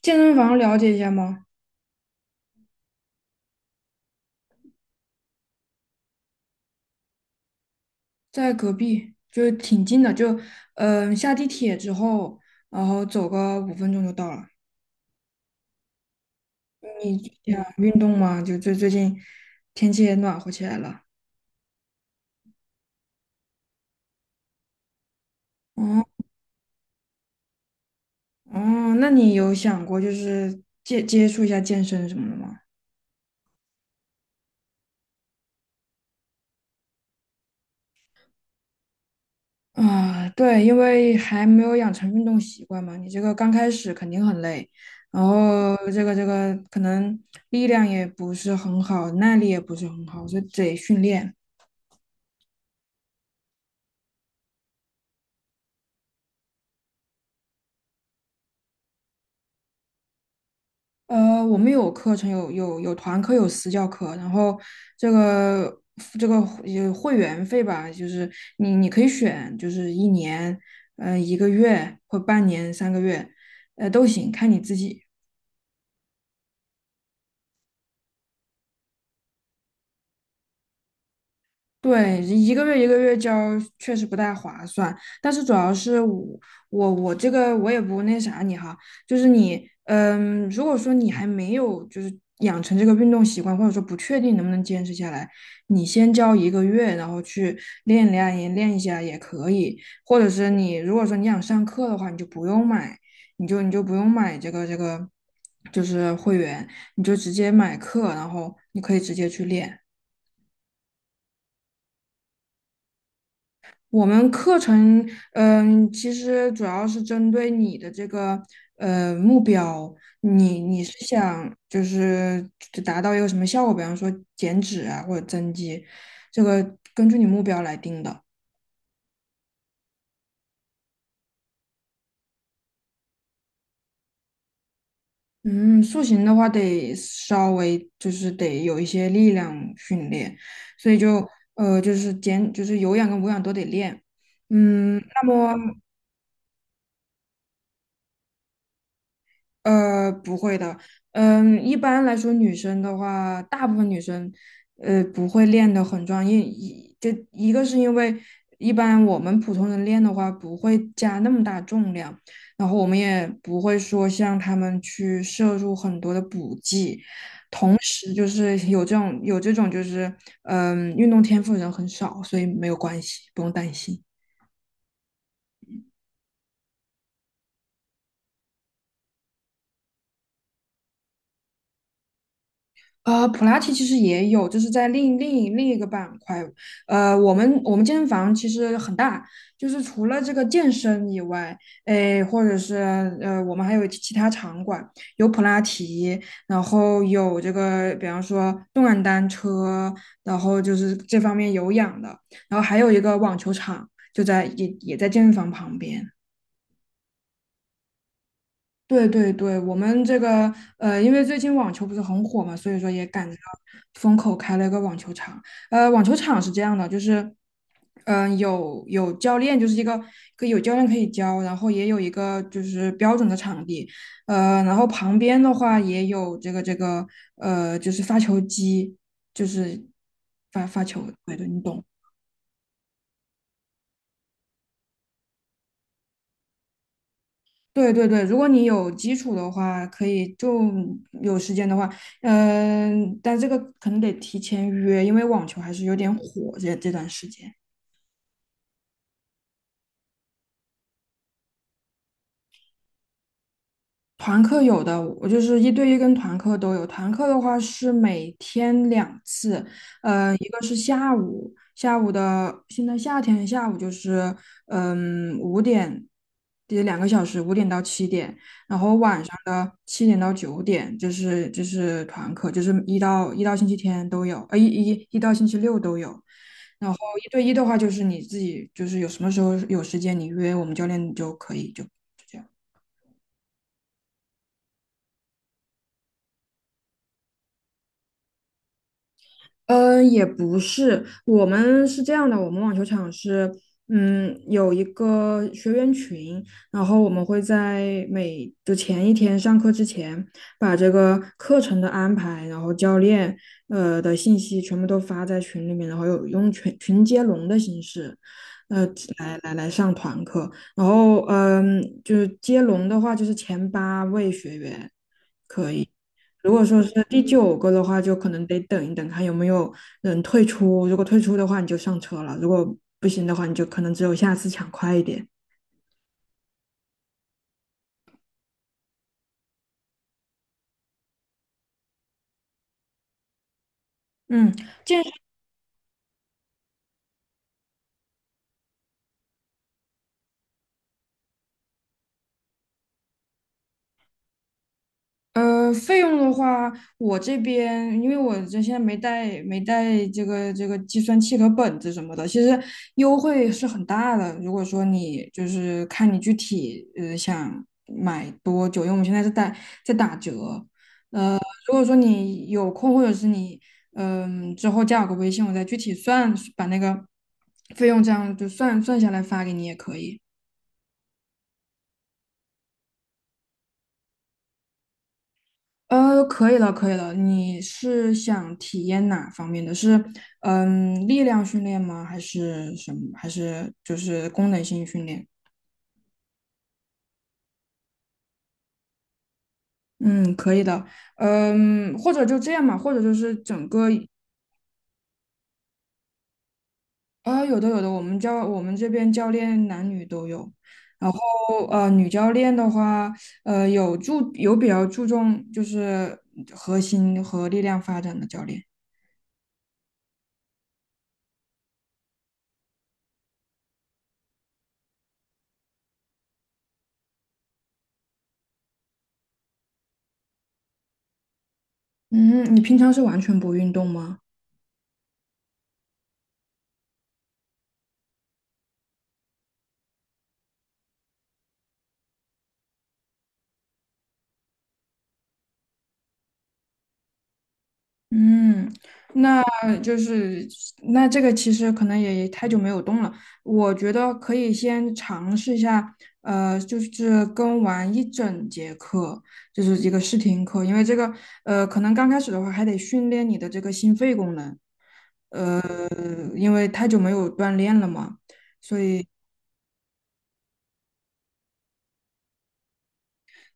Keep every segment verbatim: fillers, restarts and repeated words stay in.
健身房了解一下吗？在隔壁，就挺近的，就嗯、呃下地铁之后，然后走个五分钟就到了。你想运动吗？就最最近天气也暖和起来了。哦哦，那你有想过就是接接触一下健身什么的吗？啊，对，因为还没有养成运动习惯嘛，你这个刚开始肯定很累，然后这个这个可能力量也不是很好，耐力也不是很好，所以得训练。呃，我们有课程，有有有团课，有私教课，然后这个这个会呃会员费吧，就是你你可以选，就是一年，嗯、一个月或半年、三个月，呃，都行，看你自己。对，一个月一个月交确实不太划算，但是主要是我我我这个我也不那啥你哈，就是你嗯，如果说你还没有就是养成这个运动习惯，或者说不确定能不能坚持下来，你先交一个月，然后去练练也练一下也可以，或者是你如果说你想上课的话，你就不用买，你就你就不用买这个这个就是会员，你就直接买课，然后你可以直接去练。我们课程，嗯，其实主要是针对你的这个呃目标，你你是想就是达到一个什么效果，比方说减脂啊或者增肌，这个根据你目标来定的。嗯，塑形的话得稍微就是得有一些力量训练，所以就呃就是减就是有氧跟无氧都得练。嗯，那么呃，不会的。嗯，一般来说，女生的话，大部分女生，呃，不会练得很壮，因一就一个是因为一般我们普通人练的话，不会加那么大重量，然后我们也不会说像他们去摄入很多的补剂，同时就是有这种有这种就是，嗯，运动天赋的人很少，所以没有关系，不用担心。呃，普拉提其实也有，就是在另另另一个板块。呃，我们我们健身房其实很大，就是除了这个健身以外，诶，或者是呃，我们还有其其他场馆，有普拉提，然后有这个，比方说动感单车，然后就是这方面有氧的，然后还有一个网球场，就在也也在健身房旁边。对对对，我们这个呃，因为最近网球不是很火嘛，所以说也赶着风口开了一个网球场。呃，网球场是这样的，就是嗯、呃有有教练，就是一个可以有教练可以教，然后也有一个就是标准的场地，呃，然后旁边的话也有这个这个呃，就是发球机，就是发发球，对对，你懂。对对对，如果你有基础的话，可以就有时间的话，嗯，但这个可能得提前约，因为网球还是有点火这这段时间。团课有的，我就是一对一跟团课都有。团课的话是每天两次，呃，一个是下午，下午的现在夏天下午就是嗯五点，也两个小时，五点到七点，然后晚上的七点到九点，就是就是团课，就是一到一到星期天都有，呃一一一到星期六都有。然后一对一的话，就是你自己就是有什么时候有时间你约我们教练就可以就。就这样。嗯，呃也不是，我们是这样的，我们网球场是，嗯，有一个学员群，然后我们会在每就前一天上课之前，把这个课程的安排，然后教练呃的信息全部都发在群里面，然后有用群群接龙的形式，呃，来来来上团课，然后嗯，就是接龙的话，就是前八位学员。如果说是第九个的话，就可能得等一等，看有没有人退出。如果退出的话，你就上车了；如果不行的话，你就可能只有下次抢快一点。嗯，健身呃费用的话，我这边因为我这现在没带没带这个这个计算器和本子什么的，其实优惠是很大的。如果说你就是看你具体呃想买多久，因为我们现在是在在打折，呃，如果说你有空，或者是你嗯之后加我个微信，我再具体算，把那个费用这样就算算下来发给你也可以。呃，可以了，可以了。你是想体验哪方面的？是嗯力量训练吗？还是什么？还是就是功能性训练？嗯，可以的。嗯，或者就这样嘛，或者就是整个。啊，有的有的，我们教我们这边教练男女都有，然后呃，女教练的话，呃，有注有比较注重就是核心和力量发展的教练。嗯，你平常是完全不运动吗？嗯，那就是那这个其实可能也太久没有动了，我觉得可以先尝试一下，呃，就是跟完一整节课，就是一个试听课，因为这个呃，可能刚开始的话还得训练你的这个心肺功能，呃，因为太久没有锻炼了嘛。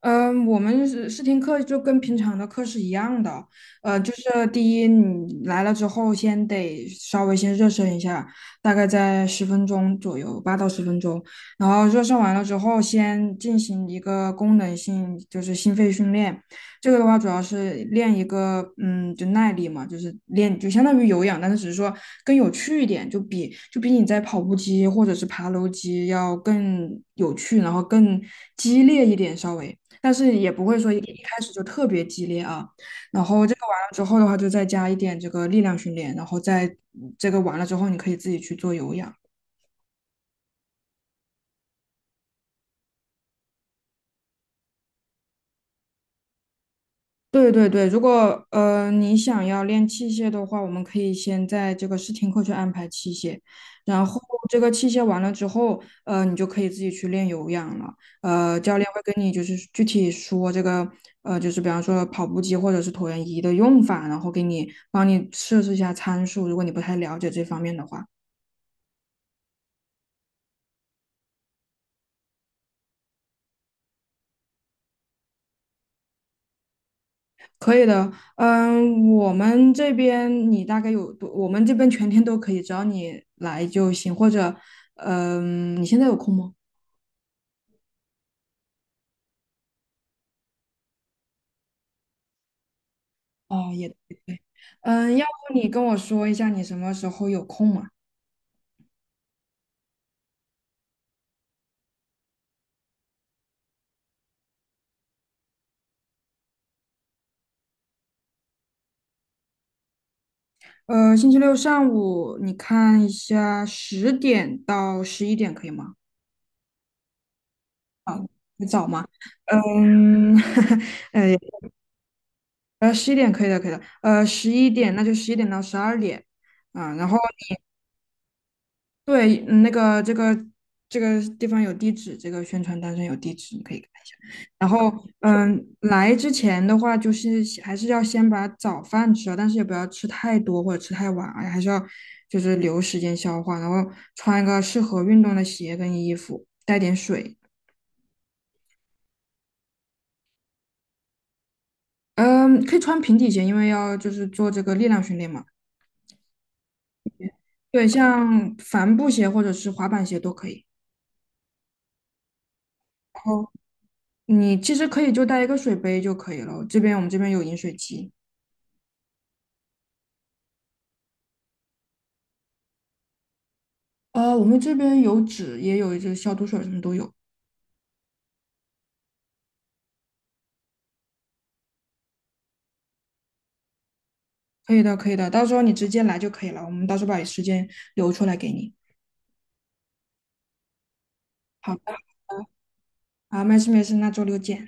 嗯，我们是试听课就跟平常的课是一样的，呃，就是第一，你来了之后，先得稍微先热身一下，大概在十分钟左右，八到十分钟。然后热身完了之后，先进行一个功能性，就是心肺训练。这个的话，主要是练一个，嗯，就耐力嘛，就是练，就相当于有氧，但是只是说更有趣一点，就比就比你在跑步机或者是爬楼机要更有趣，然后更激烈一点，稍微。但是也不会说一一开始就特别激烈啊。然后这个完了之后的话，就再加一点这个力量训练，然后再嗯这个完了之后，你可以自己去做有氧。对对对，如果呃你想要练器械的话，我们可以先在这个试听课去安排器械，然后这个器械完了之后，呃，你就可以自己去练有氧了。呃，教练会跟你就是具体说这个，呃，就是比方说跑步机或者是椭圆仪的用法，然后给你帮你设置一下参数，如果你不太了解这方面的话。可以的，嗯，我们这边你大概有多？我们这边全天都可以，只要你来就行。或者，嗯，你现在有空吗？哦，也对，嗯，要不你跟我说一下你什么时候有空嘛？呃，星期六上午你看一下，十点到十一点可以吗？很早吗？嗯，呃呃，十一点可以的，可以的。呃，十一点那就十一点到十二点啊，然后。对，嗯那个这个这个地方有地址，这个宣传单上有地址，你可以看一下。然后，嗯，来之前的话，就是先还是要先把早饭吃了，但是也不要吃太多或者吃太晚啊，还是要就是留时间消化。然后穿一个适合运动的鞋跟衣服，带点水。嗯，可以穿平底鞋，因为要就是做这个力量训练嘛。对，像帆布鞋或者是滑板鞋都可以。然后你其实可以就带一个水杯就可以了，这边我们这边有饮水机。呃，我们这边有纸，也有这个消毒水，什么都有。可以的，可以的，到时候你直接来就可以了。我们到时候把时间留出来给你。好的，啊，没事没事，那周六见。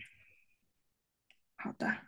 好的。